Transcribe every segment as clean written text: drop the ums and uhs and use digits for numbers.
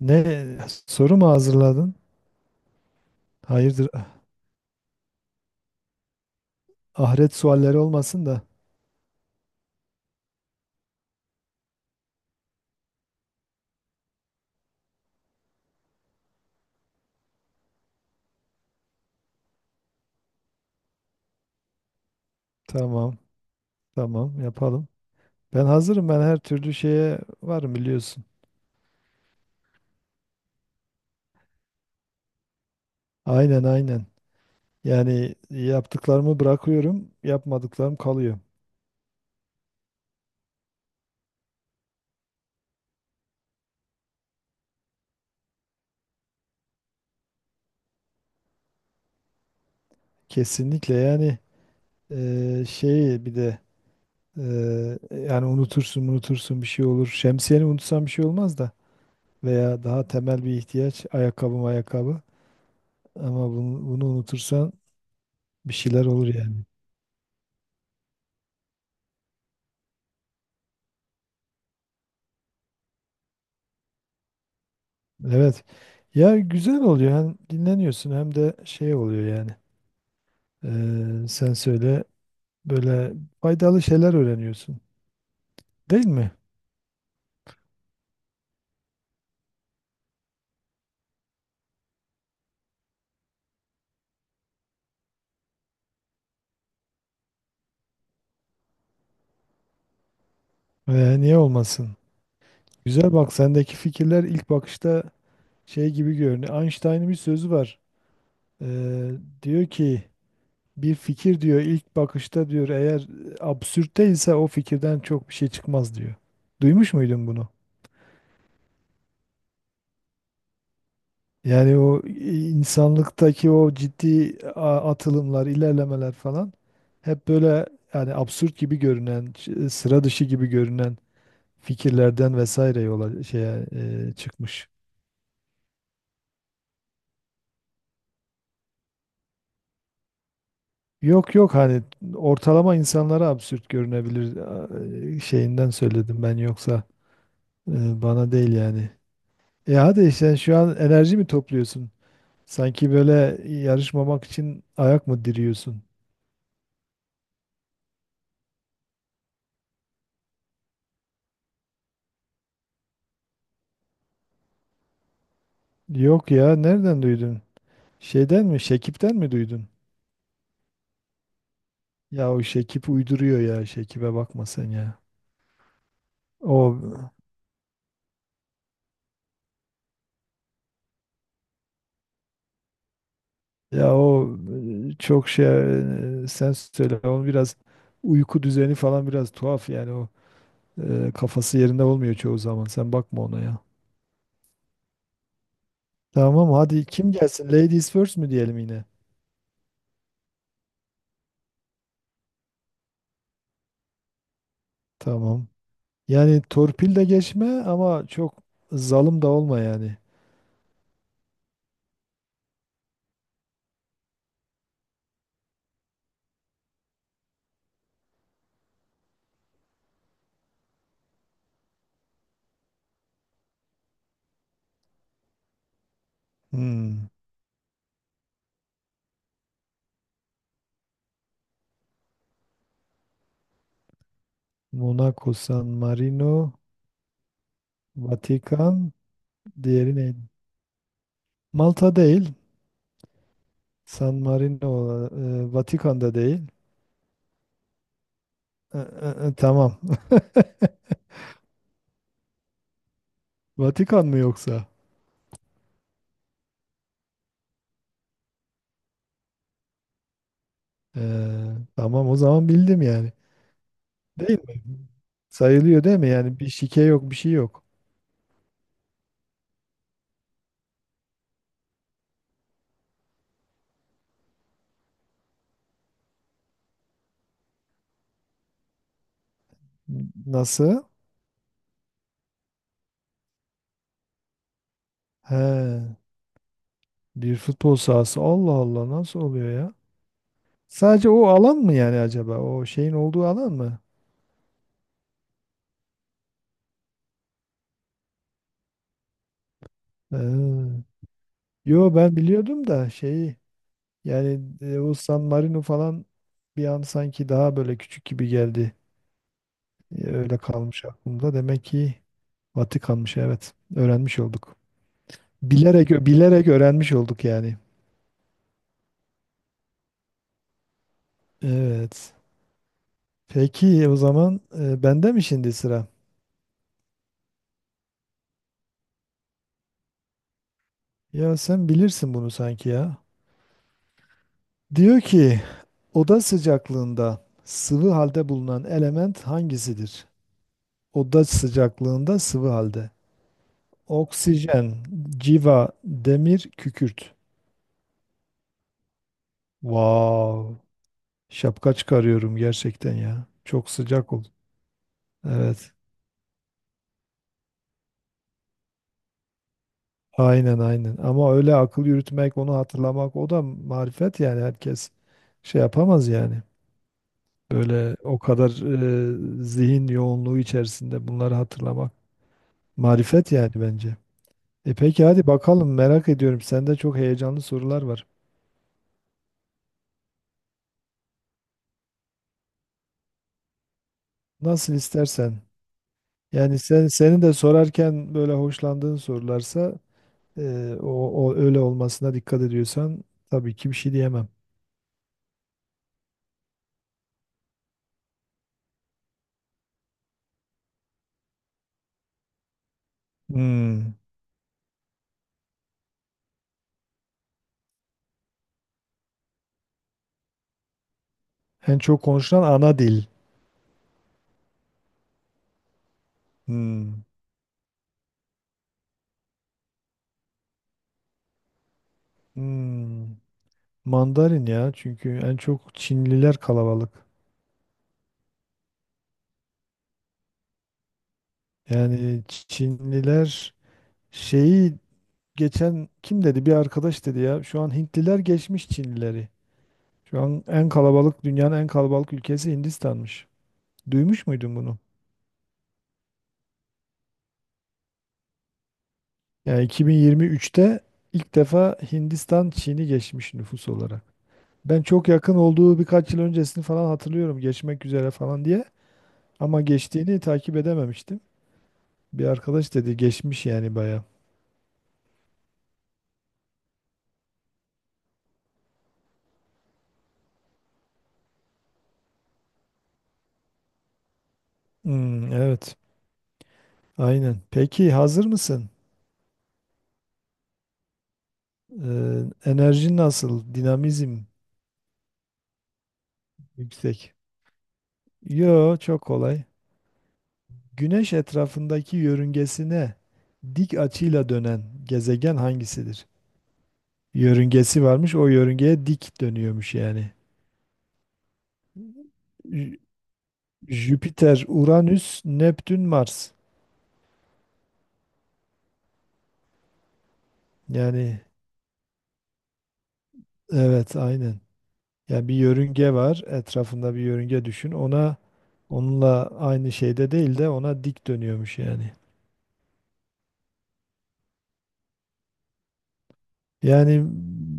Ne soru mu hazırladın? Hayırdır? Ahiret sualleri olmasın da. Tamam, tamam yapalım. Ben hazırım. Ben her türlü şeye varım biliyorsun. Aynen, aynen. Yani yaptıklarımı bırakıyorum, yapmadıklarım kalıyor. Kesinlikle yani şeyi bir de yani unutursun bir şey olur. Şemsiyeni unutsam bir şey olmaz da veya daha temel bir ihtiyaç ayakkabı ayakkabı. Ama bunu unutursan bir şeyler olur yani. Evet. Ya güzel oluyor. Hem dinleniyorsun hem de şey oluyor yani. Sen söyle böyle faydalı şeyler öğreniyorsun. Değil mi? Niye olmasın? Güzel bak sendeki fikirler ilk bakışta şey gibi görünüyor. Einstein'ın bir sözü var. Ee, diyor ki bir fikir diyor ilk bakışta diyor eğer absürtte ise o fikirden çok bir şey çıkmaz diyor. Duymuş muydun bunu? Yani o insanlıktaki o ciddi atılımlar, ilerlemeler falan hep böyle yani absürt gibi görünen, sıra dışı gibi görünen fikirlerden vesaire yola şeye çıkmış. Yok yok hani ortalama insanlara absürt görünebilir şeyinden söyledim ben yoksa bana değil yani. E hadi sen şu an enerji mi topluyorsun? Sanki böyle yarışmamak için ayak mı diriyorsun? Yok ya nereden duydun? Şeyden mi? Şekip'ten mi duydun? Ya o Şekip uyduruyor ya. Şekip'e bakma sen ya. O o çok şey Sen söyle. Onun biraz uyku düzeni falan biraz tuhaf yani o kafası yerinde olmuyor çoğu zaman. Sen bakma ona ya. Tamam hadi kim gelsin? Ladies first mi diyelim yine? Tamam. Yani torpil de geçme ama çok zalim da olma yani. Hmm. Monaco, San Marino, Vatikan, diğeri neydi? Malta değil. San Marino, Vatikan'da değil. Tamam. Vatikan mı yoksa? E, tamam o zaman bildim yani. Değil mi? Sayılıyor değil mi? Yani bir şike yok, bir şey yok. Nasıl? He, bir futbol sahası. Allah Allah nasıl oluyor ya? Sadece o alan mı yani acaba? O şeyin olduğu alan mı? He. Yo ben biliyordum da şeyi yani o San Marino falan bir an sanki daha böyle küçük gibi geldi. Öyle kalmış aklımda. Demek ki Vatikan'mış evet. Öğrenmiş olduk. Bilerek bilerek öğrenmiş olduk yani. Evet. Peki o zaman bende mi şimdi sıra? Ya sen bilirsin bunu sanki ya. Diyor ki oda sıcaklığında sıvı halde bulunan element hangisidir? Oda sıcaklığında sıvı halde. Oksijen, civa, demir, kükürt. Wow. Şapka çıkarıyorum gerçekten ya. Çok sıcak oldu. Evet. Aynen aynen. Ama öyle akıl yürütmek, onu hatırlamak o da marifet yani herkes şey yapamaz yani. Böyle o kadar zihin yoğunluğu içerisinde bunları hatırlamak marifet yani bence. E peki hadi bakalım merak ediyorum. Sende çok heyecanlı sorular var. Nasıl istersen. Yani senin de sorarken böyle hoşlandığın sorularsa e, o, o öyle olmasına dikkat ediyorsan tabii ki bir şey diyemem. Hmm. En çok konuşulan ana dil. Hmm. Hmm. Mandarin ya çünkü en çok Çinliler kalabalık. Yani Çinliler şeyi geçen kim dedi bir arkadaş dedi ya şu an Hintliler geçmiş Çinlileri. Şu an en kalabalık dünyanın en kalabalık ülkesi Hindistan'mış. Duymuş muydun bunu? Yani 2023'te ilk defa Hindistan Çin'i geçmiş nüfus olarak. Ben çok yakın olduğu birkaç yıl öncesini falan hatırlıyorum geçmek üzere falan diye ama geçtiğini takip edememiştim. Bir arkadaş dedi geçmiş yani baya. Hmm, evet. Aynen. Peki hazır mısın? Ee, enerji nasıl? Dinamizm yüksek. Yo çok kolay. Güneş etrafındaki yörüngesine dik açıyla dönen gezegen hangisidir? Yörüngesi varmış, o yörüngeye dik dönüyormuş yani. Jü- Jüpiter, Uranüs, Neptün, Mars. Yani evet aynen. Yani bir yörünge var, etrafında bir yörünge düşün. Onunla aynı şeyde değil de ona dik dönüyormuş yani. Yani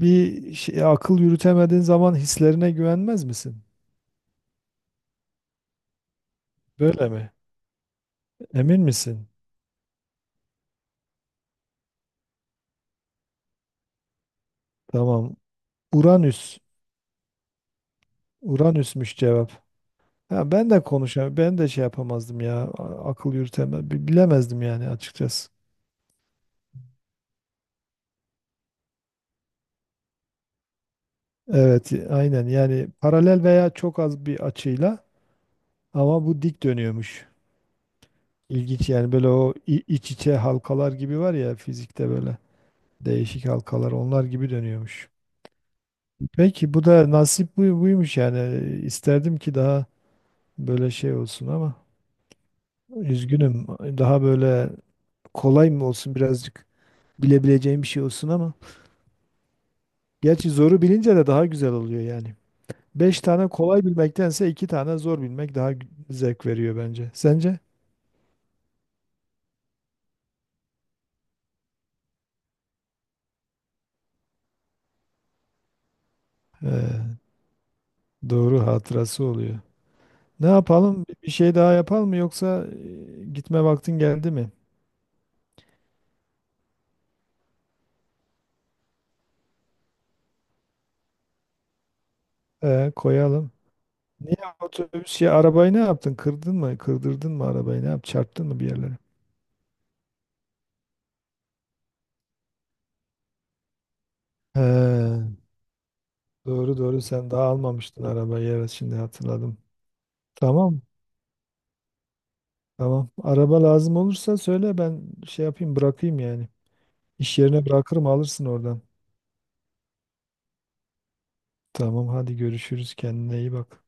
bir şey, akıl yürütemediğin zaman hislerine güvenmez misin? Böyle mi? Emin misin? Tamam. Uranüs. Uranüsmüş cevap. Ha, ben de konuşam, ben de şey yapamazdım ya. Akıl yürütemem, bilemezdim yani açıkçası. Evet, aynen. Yani paralel veya çok az bir açıyla ama bu dik dönüyormuş. İlginç yani böyle o iç içe halkalar gibi var ya fizikte böyle değişik halkalar onlar gibi dönüyormuş. Peki bu da nasip buymuş yani. İsterdim ki daha böyle şey olsun ama üzgünüm. Daha böyle kolay mı olsun birazcık bilebileceğim bir şey olsun ama. Gerçi zoru bilince de daha güzel oluyor yani. Beş tane kolay bilmektense iki tane zor bilmek daha zevk veriyor bence. Sence? Ee, doğru hatırası oluyor. Ne yapalım? Bir şey daha yapalım mı yoksa gitme vaktin geldi mi? Koyalım. Niye otobüs ya arabayı ne yaptın? Kırdın mı? Kırdırdın mı arabayı? Ne yap? Çarptın mı bir yerlere? He, doğru doğru sen daha almamıştın arabayı. Evet şimdi hatırladım. Tamam. Tamam. Araba lazım olursa söyle ben şey yapayım bırakayım yani. İş yerine bırakırım alırsın oradan. Tamam hadi görüşürüz. Kendine iyi bak.